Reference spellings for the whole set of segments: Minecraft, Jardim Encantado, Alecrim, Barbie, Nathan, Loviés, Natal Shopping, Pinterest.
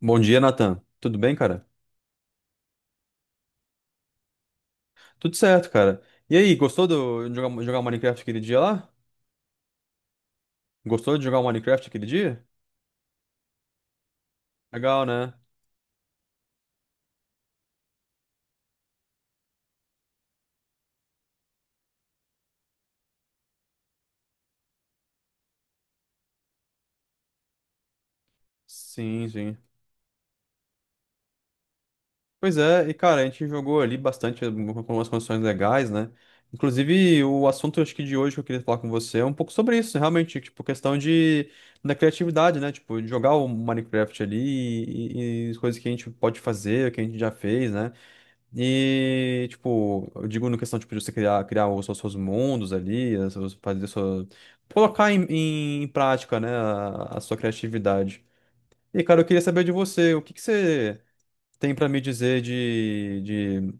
Bom dia, Nathan. Tudo bem, cara? Tudo certo, cara. E aí, gostou de jogar Minecraft aquele dia lá? Gostou de jogar Minecraft aquele dia? Legal, né? Sim. Pois é, e cara, a gente jogou ali com umas condições legais, né? Inclusive, o assunto acho que de hoje que eu queria falar com você é um pouco sobre isso, realmente, tipo, questão de da criatividade, né? Tipo, de jogar o Minecraft ali e as coisas que a gente pode fazer, que a gente já fez, né? E, tipo, eu digo no questão, tipo, de você criar os seus mundos ali, fazer sua... Colocar em prática, né, a sua criatividade. E, cara, eu queria saber de você, o que que você tem pra me dizer de...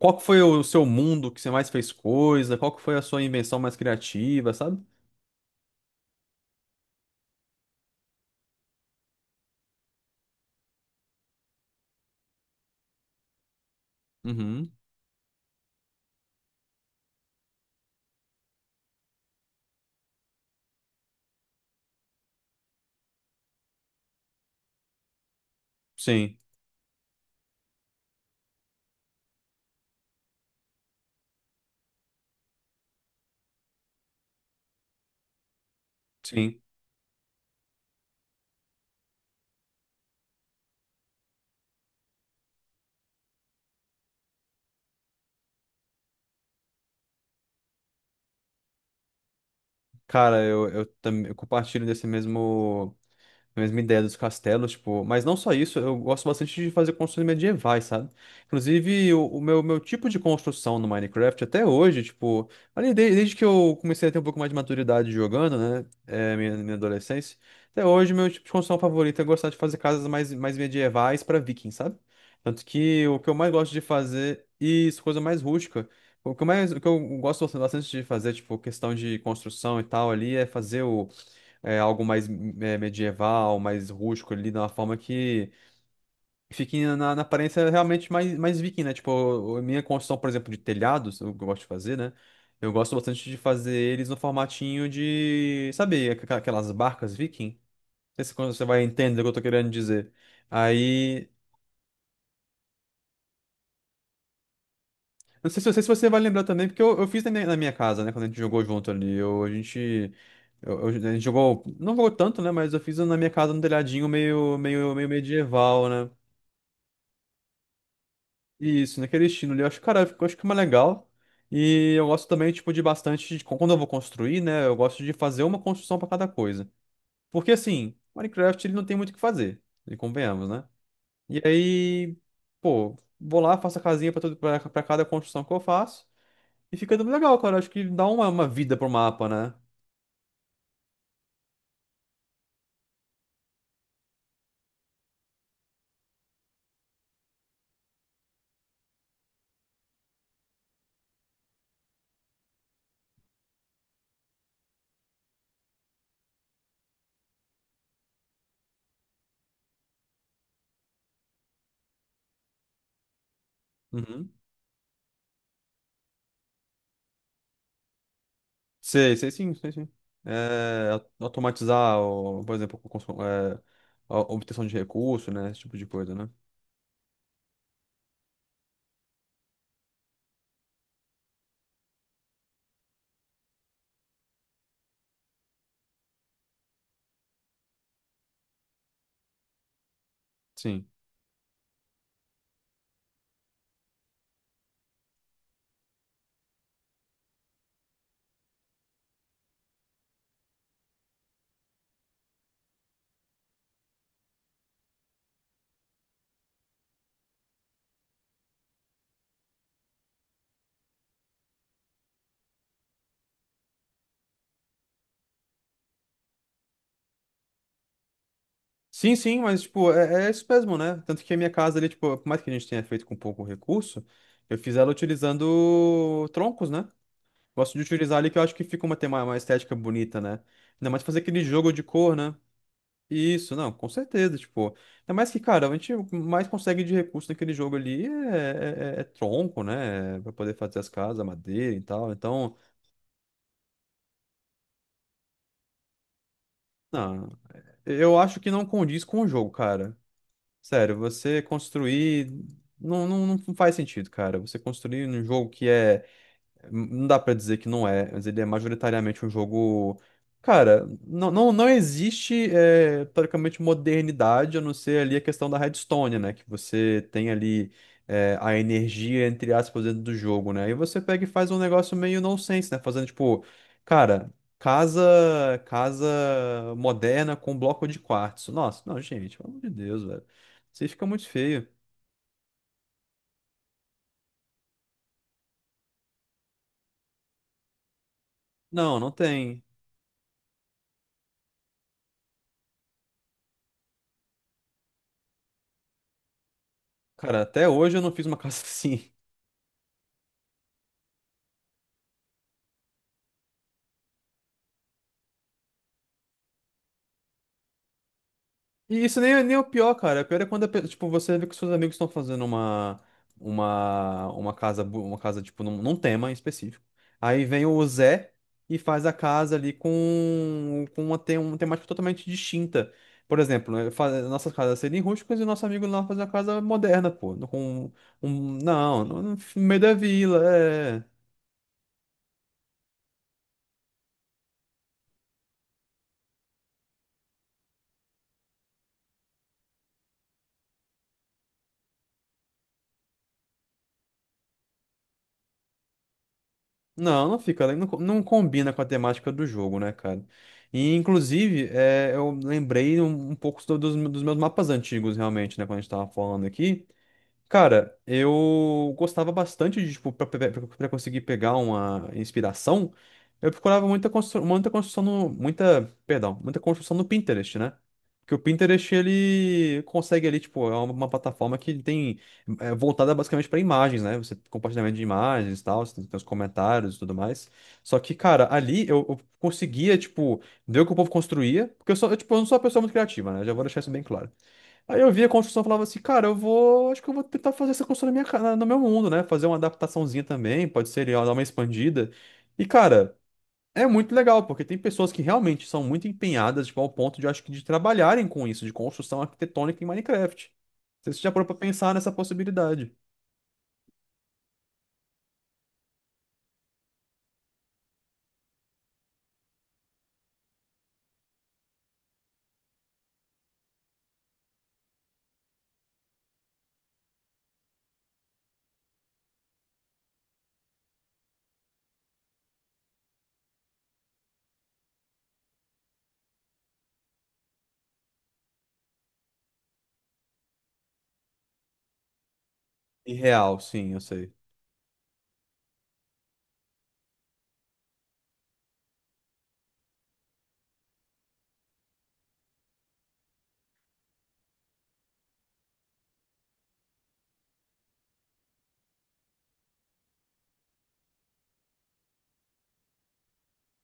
Qual que foi o seu mundo que você mais fez coisa? Qual que foi a sua invenção mais criativa, sabe? Uhum. Sim, sim. Cara, eu compartilho desse mesmo, a mesma ideia dos castelos, tipo, mas não só isso, eu gosto bastante de fazer construções medievais, sabe? Inclusive, o meu tipo de construção no Minecraft até hoje, tipo, desde que eu comecei a ter um pouco mais de maturidade jogando, né? É, minha adolescência, até hoje, meu tipo de construção favorito é gostar de fazer casas mais medievais para vikings, sabe? Tanto que o que eu mais gosto de fazer, e isso, coisa mais rústica. O que eu mais, o que eu gosto bastante de fazer, tipo, questão de construção e tal ali, é fazer algo mais medieval, mais rústico ali, de uma forma que fique na aparência realmente mais viking, né? Tipo, a minha construção, por exemplo, de telhados, o que eu gosto de fazer, né? Eu gosto bastante de fazer eles no formatinho de, sabe, aquelas barcas viking? Não sei se quando você vai entender o que eu tô querendo dizer. Aí, não sei se, não sei se você vai lembrar também, porque eu fiz na minha casa, né? Quando a gente jogou junto ali, eu, a gente... a gente jogou, não jogou tanto, né? Mas eu fiz na minha casa um telhadinho meio medieval, né? Isso, naquele estilo ali. Eu acho, cara, eu acho que é mais legal. E eu gosto também, tipo, de bastante, quando eu vou construir, né? Eu gosto de fazer uma construção pra cada coisa. Porque assim, Minecraft ele não tem muito o que fazer. E convenhamos, né? E aí, pô, vou lá, faço a casinha pra, tudo, pra, pra cada construção que eu faço. E fica dando legal, cara. Acho que dá uma vida pro mapa, né? Uhum. Sei, sei sim. É, automatizar, o, por exemplo, a obtenção de recurso, né? Esse tipo de coisa, né? Sim. Sim, mas, tipo, é, é isso mesmo, né? Tanto que a minha casa ali, tipo, por mais que a gente tenha feito com pouco recurso, eu fiz ela utilizando troncos, né? Gosto de utilizar ali que eu acho que fica uma, tem uma estética bonita, né? Ainda mais fazer aquele jogo de cor, né? Isso, não, com certeza, tipo. Ainda mais que, cara, a gente mais consegue de recurso naquele jogo ali é, é tronco, né? É pra poder fazer as casas, madeira e tal. Então, não, eu acho que não condiz com o jogo, cara. Sério, você construir. Não, faz sentido, cara. Você construir um jogo que é. Não dá pra dizer que não é, mas ele é majoritariamente um jogo. Cara, não, não existe, é, teoricamente, modernidade, a não ser ali a questão da redstone, né? Que você tem ali, é, a energia, entre aspas, dentro do jogo, né? E você pega e faz um negócio meio nonsense, né? Fazendo tipo, cara, casa moderna com bloco de quartzo. Nossa, não, gente, pelo amor de Deus, velho. Isso aí fica muito feio. Não, não tem. Cara, até hoje eu não fiz uma casa assim. E isso nem, nem é o pior, cara. O pior é quando, tipo, você vê que seus amigos estão fazendo uma casa, uma casa, tipo, num tema em específico. Aí vem o Zé e faz a casa ali com uma, tem, uma temática totalmente distinta. Por exemplo, né, nossas casas serem rústicas e o nosso amigo lá faz uma casa moderna, pô. Com um, no meio da vila, é. Não, não fica, né? Não, não combina com a temática do jogo, né, cara? E, inclusive, é, eu lembrei um, um pouco dos, dos meus mapas antigos, realmente, né, quando a gente tava falando aqui. Cara, eu gostava bastante de, tipo, pra conseguir pegar uma inspiração, eu procurava muita construção no, muita, perdão, muita construção no Pinterest, né? Porque o Pinterest, ele consegue ali, tipo, é uma plataforma que tem, é voltada basicamente para imagens, né? Você compartilhamento de imagens e tal, você tem, tem os comentários e tudo mais. Só que, cara, ali eu conseguia, tipo, ver o que o povo construía, porque eu sou, eu, tipo, eu não sou uma pessoa muito criativa, né? Já vou deixar isso bem claro. Aí eu via a construção e falava assim, cara, eu vou. Acho que eu vou tentar fazer essa construção na minha, ca- na- no meu mundo, né? Fazer uma adaptaçãozinha também, pode ser ó, dar uma expandida. E, cara, é muito legal, porque tem pessoas que realmente são muito empenhadas, tipo, ao ponto de, eu acho que, de trabalharem com isso, de construção arquitetônica em Minecraft. Não sei se você já parou pra pensar nessa possibilidade? Irreal, sim, eu sei.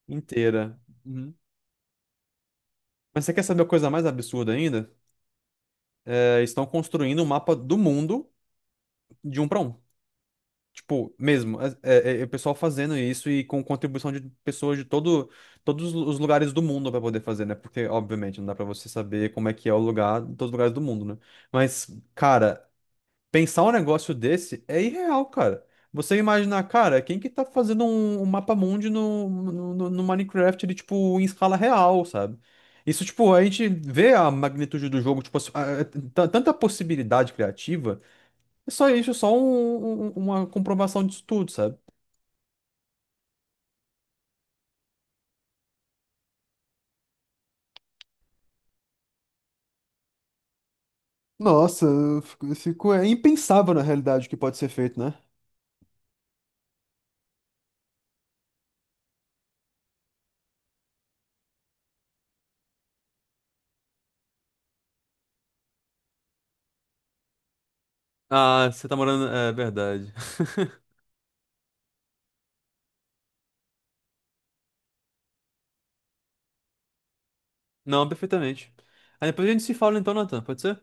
Inteira. Uhum. Mas você quer saber a coisa mais absurda ainda? É, estão construindo um mapa do mundo de um para um. Tipo, mesmo, é, o pessoal fazendo isso e com contribuição de pessoas todos os lugares do mundo para poder fazer, né? Porque, obviamente, não dá para você saber como é que é o lugar em todos os lugares do mundo, né? Mas, cara, pensar um negócio desse é irreal, cara. Você imaginar, cara, quem que tá fazendo um, um mapa mundi no Minecraft, ele, tipo, em escala real, sabe? Isso, tipo, a gente vê a magnitude do jogo, tipo, assim, tanta possibilidade criativa. É só isso, só uma comprovação disso tudo, sabe? Nossa, é impensável na realidade o que pode ser feito, né? Ah, você tá morando. É verdade. Não, perfeitamente. Aí depois a gente se fala então, Nathan, pode ser?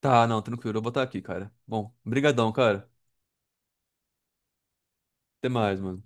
Tá, não, tranquilo, eu vou botar aqui, cara. Bom, brigadão, cara. Até mais, mano.